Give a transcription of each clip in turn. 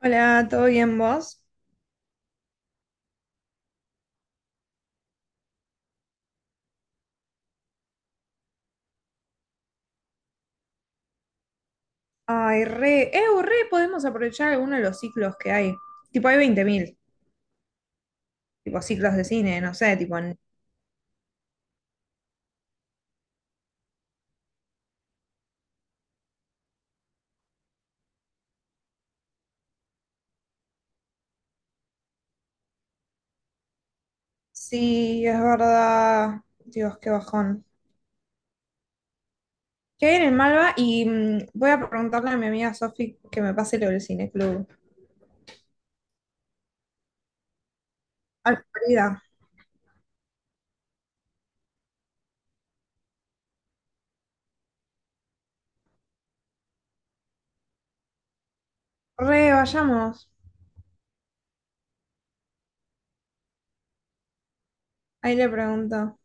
Hola, ¿todo bien vos? Ay, re, re, podemos aprovechar alguno de los ciclos que hay. Tipo, hay 20.000, tipo ciclos de cine, no sé, Sí, es verdad. Dios, qué bajón. ¿Qué hay en el Malva? Y voy a preguntarle a mi amiga Sofi que me pase lo del cineclub. Ay, querida. Re, vayamos. Ahí le pregunto.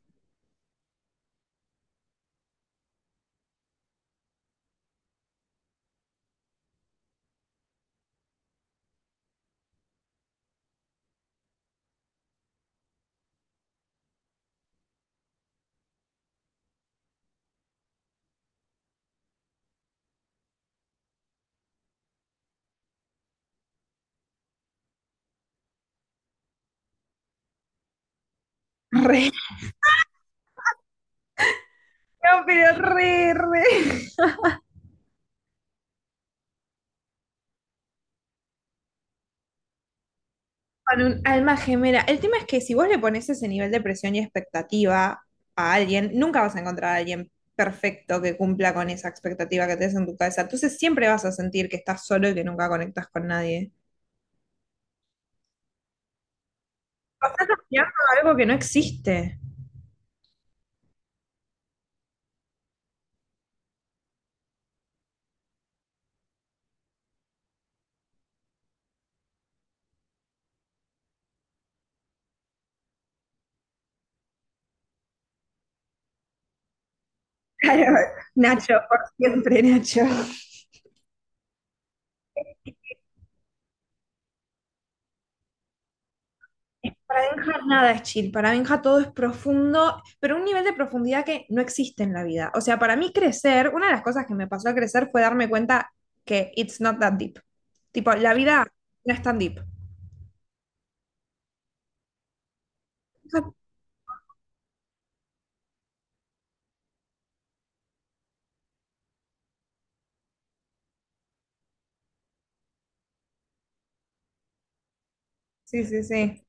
Re. No, pero re, re. Con un alma gemela. El tema es que si vos le pones ese nivel de presión y expectativa a alguien, nunca vas a encontrar a alguien perfecto que cumpla con esa expectativa que tenés en tu cabeza. Entonces siempre vas a sentir que estás solo y que nunca conectas con nadie. O estás aspirando a algo que no existe. Claro, Nacho, por siempre, Nacho. Para Benja nada es chill, para Benja todo es profundo, pero un nivel de profundidad que no existe en la vida. O sea, para mí crecer, una de las cosas que me pasó a crecer fue darme cuenta que it's not that deep. Tipo, la vida no es tan deep. Sí, sí, sí.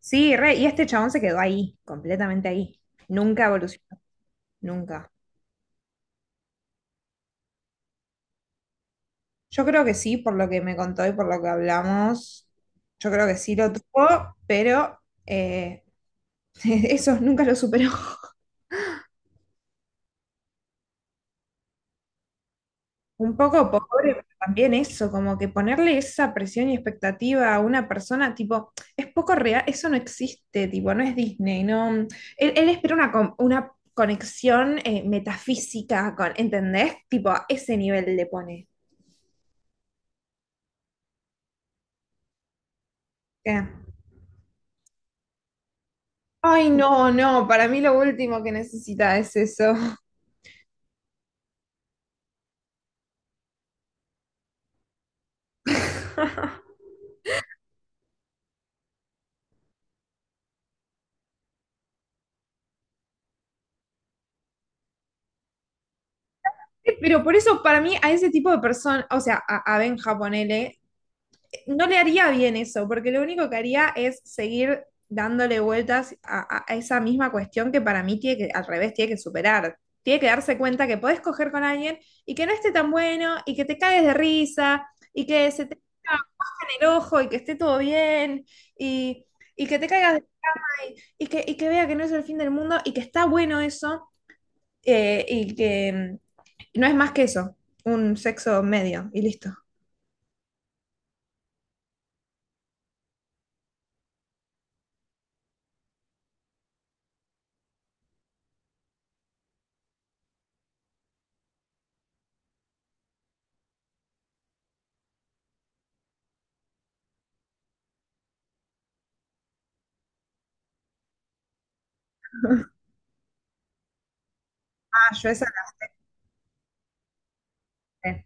Sí, re, y este chabón se quedó ahí, completamente ahí. Nunca evolucionó, nunca. Yo creo que sí, por lo que me contó y por lo que hablamos, yo creo que sí lo tuvo, pero eh, eso nunca lo superó. Un poco pobre, pero también eso, como que ponerle esa presión y expectativa a una persona, tipo, es poco real, eso no existe, tipo, no es Disney, no. Él espera una, una conexión metafísica con, ¿entendés? Tipo, a ese nivel le pone. Eh. Ay, no, no, para mí lo último que necesita es eso. Pero por eso, para mí, a ese tipo de persona, o sea, a Benja, ponele, no le haría bien eso, porque lo único que haría es seguir dándole vueltas a esa misma cuestión que para mí tiene que, al revés, tiene que superar. Tiene que darse cuenta que podés coger con alguien y que no esté tan bueno y que te caes de risa y que se te caiga en el ojo y que esté todo bien y, y que te caigas de y que vea que no es el fin del mundo y que está bueno eso y que no es más que eso, un sexo medio y listo. Ah, yo esa la sé.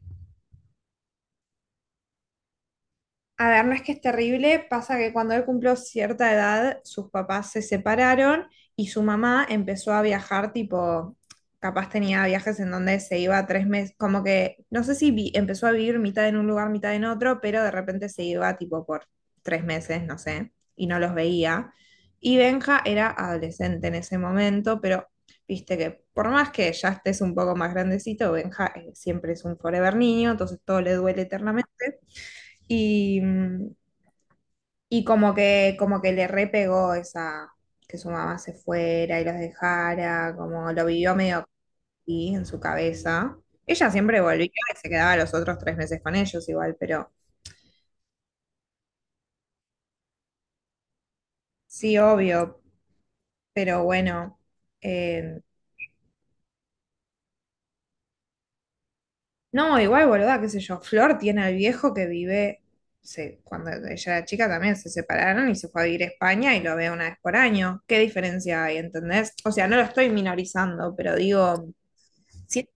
A ver, no es que es terrible, pasa que cuando él cumplió cierta edad, sus papás se separaron y su mamá empezó a viajar, tipo, capaz tenía viajes en donde se iba 3 meses, como que, no sé si vi- empezó a vivir mitad en un lugar, mitad en otro, pero de repente se iba, tipo, por 3 meses, no sé, y no los veía. Y Benja era adolescente en ese momento, pero viste que por más que ya estés un poco más grandecito, Benja siempre es un forever niño, entonces todo le duele eternamente. Y y como que le repegó esa, que su mamá se fuera y los dejara, como lo vivió medio así en su cabeza. Ella siempre volvía y se quedaba los otros 3 meses con ellos igual, pero sí, obvio, pero bueno. eh, no, igual, boluda, qué sé yo, Flor tiene al viejo que vive, cuando ella era chica también se separaron y se fue a vivir a España y lo ve una vez por año. ¿Qué diferencia hay, entendés? O sea, no lo estoy minorizando, pero digo... Sí,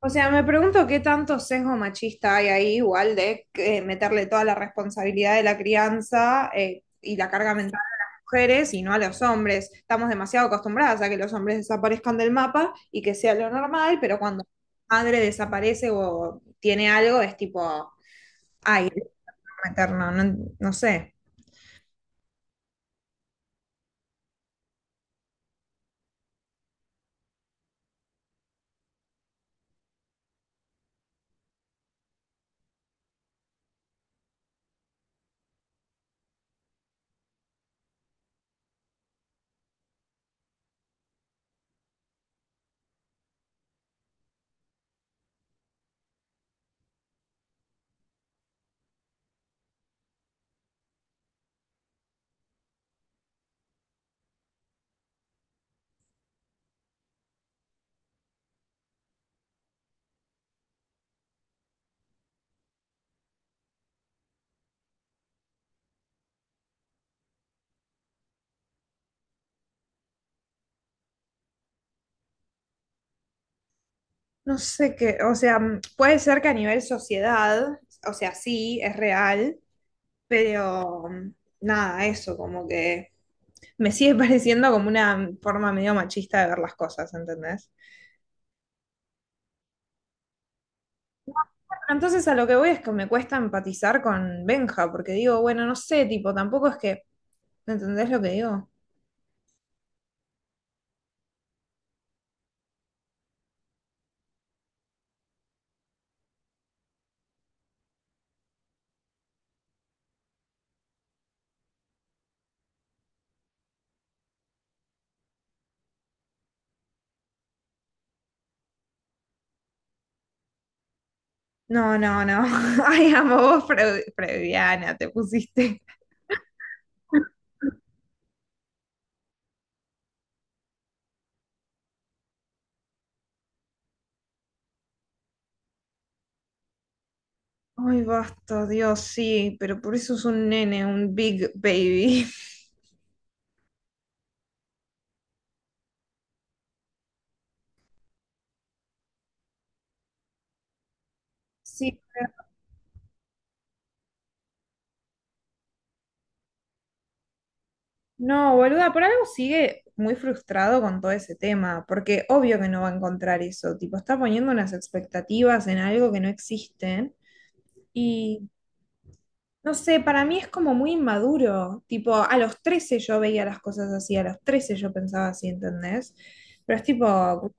o sea, me pregunto qué tanto sesgo machista hay ahí, igual de meterle toda la responsabilidad de la crianza y la carga mental a las mujeres y no a los hombres. Estamos demasiado acostumbradas a que los hombres desaparezcan del mapa y que sea lo normal, pero cuando la madre desaparece o tiene algo, es tipo, ay, no meternos, no, no sé. No sé qué, o sea, puede ser que a nivel sociedad, o sea, sí, es real, pero nada, eso, como que me sigue pareciendo como una forma medio machista de ver las cosas, ¿entendés? Entonces a lo que voy es que me cuesta empatizar con Benja, porque digo, bueno, no sé, tipo, tampoco es que, ¿entendés lo que digo? No, no, no. Ay, amo, vos freudiana te pusiste. Ay, basta, Dios, sí, pero por eso es un nene, un big baby. Sí, no, boluda, por algo sigue muy frustrado con todo ese tema, porque obvio que no va a encontrar eso, tipo, está poniendo unas expectativas en algo que no existen y no sé, para mí es como muy inmaduro, tipo, a los 13 yo veía las cosas así, a los 13 yo pensaba así, ¿entendés? Pero es tipo, grow.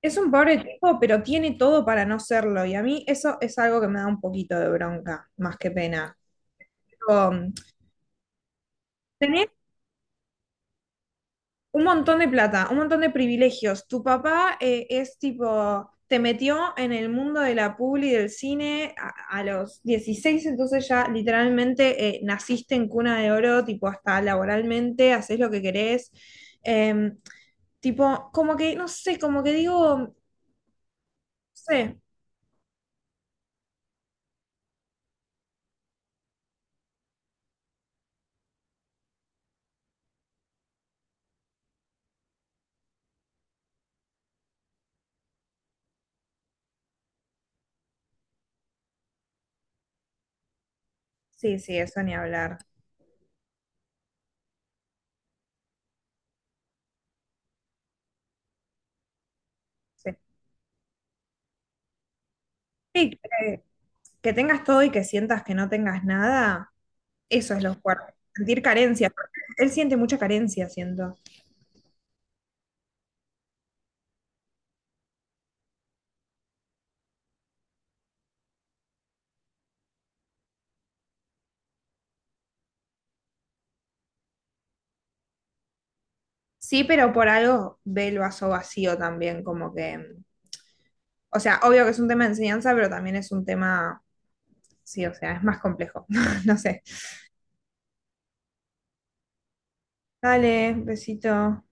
Es un pobre tipo, pero tiene todo para no serlo y a mí eso es algo que me da un poquito de bronca, más que pena. Tipo, tenés un montón de plata, un montón de privilegios. Tu papá es tipo, te metió en el mundo de la publi y del cine a los 16 entonces ya literalmente naciste en cuna de oro, tipo hasta laboralmente, haces lo que querés. Em, tipo, como que, no sé, como que digo, no sé, sí, sí, eso ni hablar. Sí, sí, que tengas todo y que sientas que no tengas nada, eso es lo fuerte, sentir carencia. Él siente mucha carencia, siento. Sí, pero por algo ve el vaso vacío también, como que, o sea, obvio que es un tema de enseñanza, pero también es un tema, sí, o sea, es más complejo. No sé. Dale, besito.